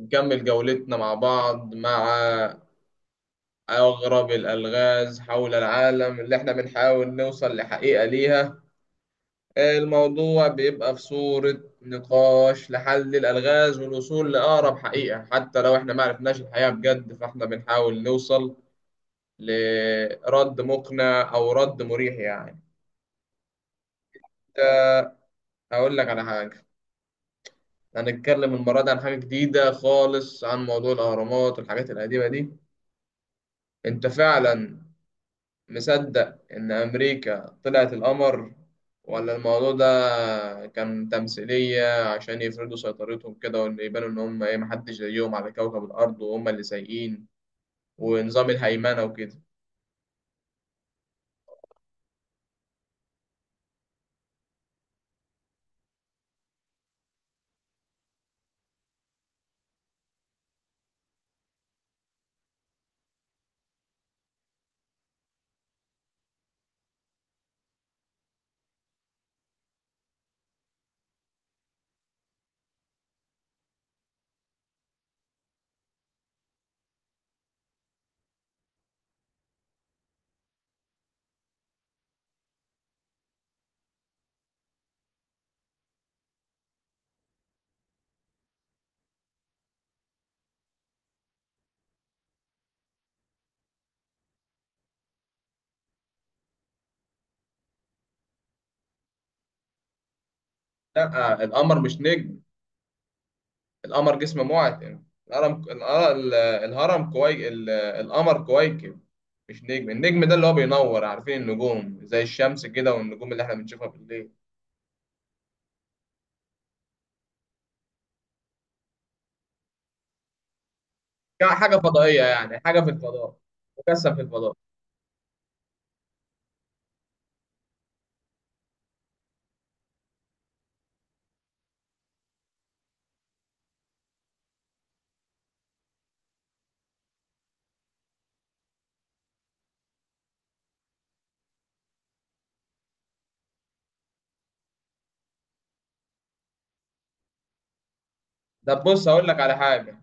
نكمل جولتنا مع بعض، مع أغرب الألغاز حول العالم اللي احنا بنحاول نوصل لحقيقة ليها. الموضوع بيبقى في صورة نقاش لحل الألغاز والوصول لأقرب حقيقة، حتى لو احنا معرفناش الحقيقة بجد فاحنا بنحاول نوصل لرد مقنع أو رد مريح، يعني. ده، هقول لك على حاجة. هنتكلم المرة دي عن حاجة جديدة خالص، عن موضوع الأهرامات والحاجات القديمة دي. انت فعلا مصدق إن أمريكا طلعت القمر، ولا الموضوع ده كان تمثيلية عشان يفرضوا سيطرتهم كده، وإن يبانوا إن هم إيه محدش زيهم على كوكب الأرض وهم اللي سايقين ونظام الهيمنة وكده؟ لأ، القمر مش نجم. القمر جسم معتم. الهرم القر- ال- الهرم كوي ال- القمر كويكب، مش نجم. النجم ده اللي هو بينور، عارفين النجوم زي الشمس كده، والنجوم اللي إحنا بنشوفها بالليل. حاجة فضائية، يعني حاجة في الفضاء، مكثف في الفضاء. طب بص، هقول لك على حاجة.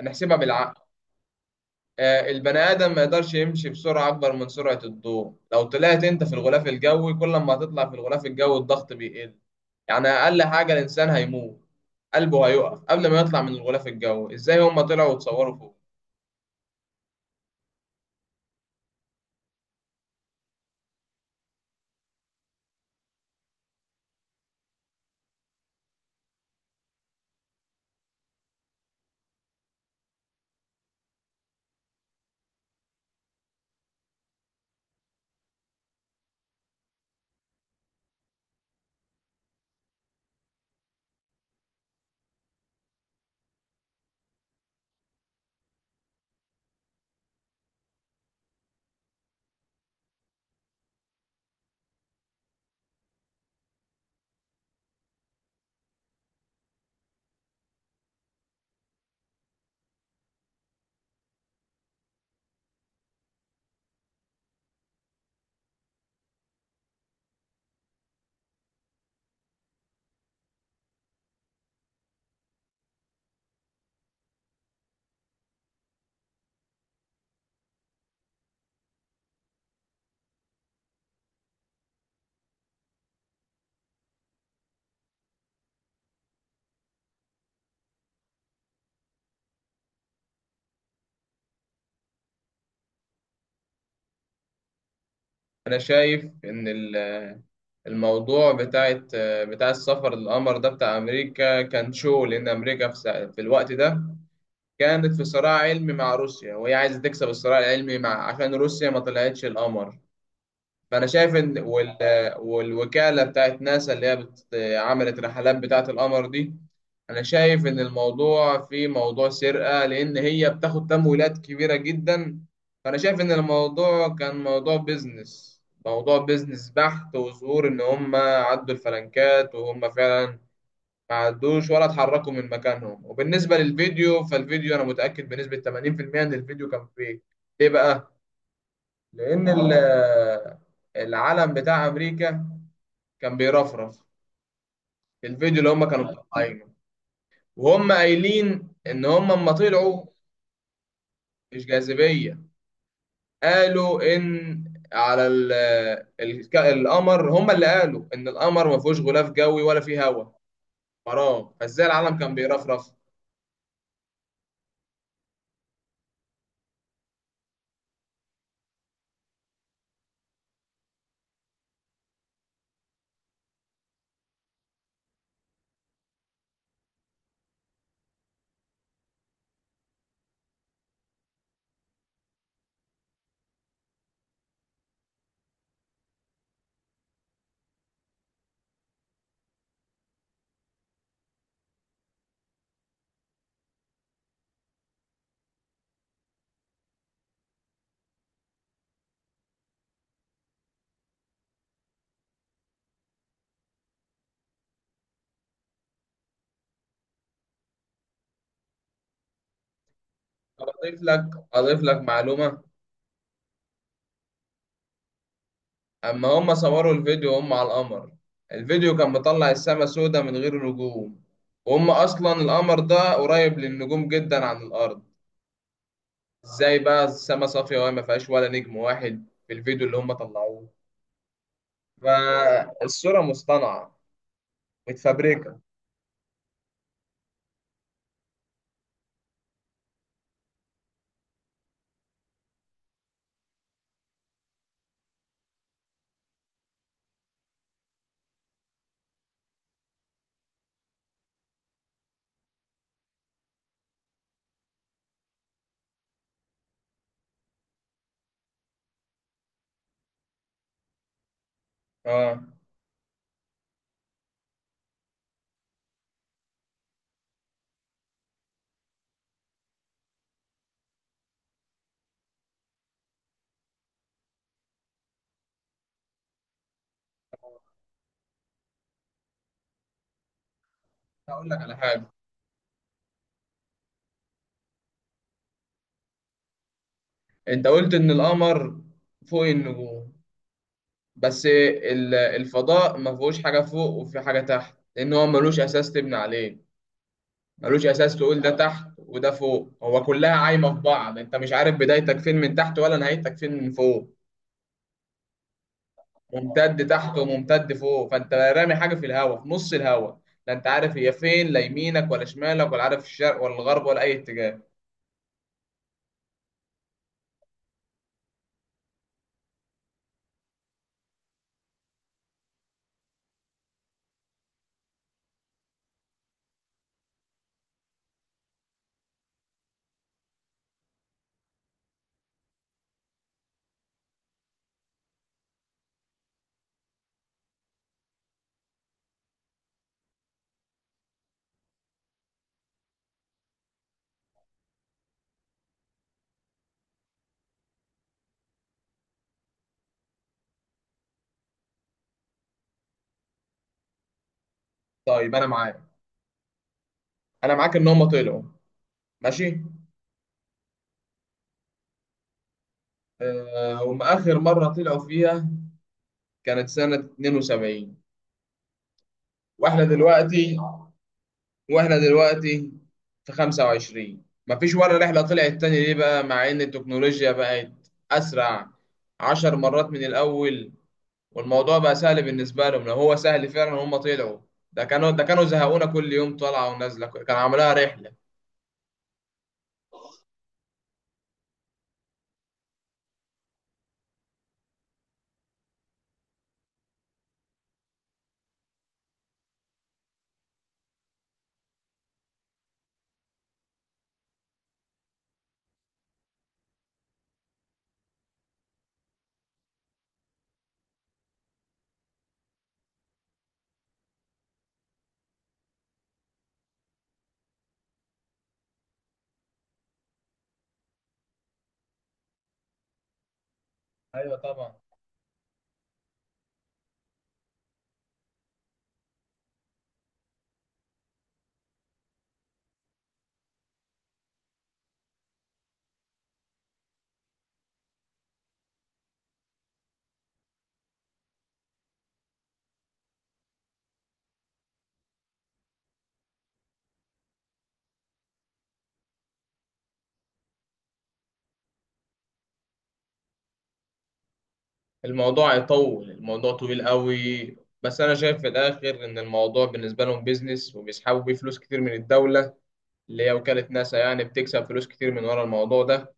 هنحسبها بالعقل. البني آدم ما يقدرش يمشي بسرعة أكبر من سرعة الضوء. لو طلعت أنت في الغلاف الجوي، كل ما هتطلع في الغلاف الجوي الضغط بيقل. يعني أقل حاجة الإنسان هيموت، قلبه هيقف قبل ما يطلع من الغلاف الجوي. إزاي هما طلعوا وتصوروا فوق؟ أنا شايف إن الموضوع بتاع السفر للقمر ده بتاع أمريكا كان شو، لأن أمريكا في الوقت ده كانت في صراع علمي مع روسيا، وهي عايزة تكسب الصراع العلمي مع عشان روسيا ما طلعتش القمر. فأنا شايف إن والوكالة بتاعت ناسا اللي هي عملت رحلات بتاعت القمر دي، أنا شايف إن الموضوع فيه موضوع سرقة، لأن هي بتاخد تمويلات كبيرة جدا. فأنا شايف إن الموضوع كان موضوع بيزنس، موضوع بيزنس بحت، وظهور إن هم عدوا الفلنكات وهم فعلا ما عدوش ولا اتحركوا من مكانهم. وبالنسبة للفيديو، فالفيديو أنا متأكد بنسبة 80% إن الفيديو كان فيك. ليه بقى؟ لأن العلم بتاع أمريكا كان بيرفرف في الفيديو اللي هم كانوا مطلعينه، وهم قايلين إن هم أما طلعوا مش جاذبية. قالوا إن على ال ال القمر، هم اللي قالوا إن القمر ما فيهوش غلاف جوي ولا فيه هواء. فراغ. فإزاي العلم كان بيرفرف؟ أضيف لك معلومة. اما هم صوروا الفيديو هم على القمر، الفيديو كان مطلع السما سودة من غير نجوم، وهم اصلا القمر ده قريب للنجوم جدا عن الارض. ازاي بقى السما صافية وما فيهاش ولا نجم واحد في الفيديو اللي هم طلعوه؟ فالصورة مصطنعة، متفبركة. اه هقول لك على حاجة. انت قلت ان القمر فوق النجوم، بس الفضاء ما فيهوش حاجة فوق وفي حاجة تحت، لان هو ملوش اساس تبني عليه. ملوش اساس تقول ده تحت وده فوق، هو كلها عايمه في بعض. انت مش عارف بدايتك فين من تحت، ولا نهايتك فين من فوق. ممتد تحت وممتد فوق، فانت رامي حاجه في الهواء، في نص الهواء، لا انت عارف هي فين، لا يمينك ولا شمالك، ولا عارف الشرق ولا الغرب ولا اي اتجاه. طيب انا معاك، انا معاك ان هم طلعوا، ماشي. هم اخر مره طلعوا فيها كانت سنه 72، واحنا دلوقتي واحنا دلوقتي في 25 مفيش ولا رحلة طلعت تاني. ليه بقى مع ان التكنولوجيا بقت اسرع 10 مرات من الاول، والموضوع بقى سهل بالنسبة لهم؟ لو هو سهل فعلا هم طلعوا، ده كانوا زهقونا كل يوم طالعة ونازلة كان عاملها رحلة. ايوه طبعا. الموضوع يطول، الموضوع طويل قوي. بس انا شايف في الاخر ان الموضوع بالنسبه لهم بيزنس، وبيسحبوا بيه فلوس كتير من الدوله اللي هي وكاله ناسا، يعني بتكسب فلوس كتير من ورا الموضوع ده.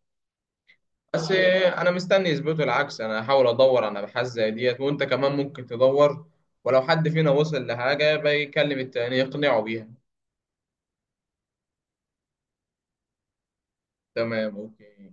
بس انا مستني يثبتوا العكس. انا هحاول ادور على ابحاث زي ديت، وانت كمان ممكن تدور. ولو حد فينا وصل لحاجه بيكلم التاني يقنعه بيها. تمام، اوكي.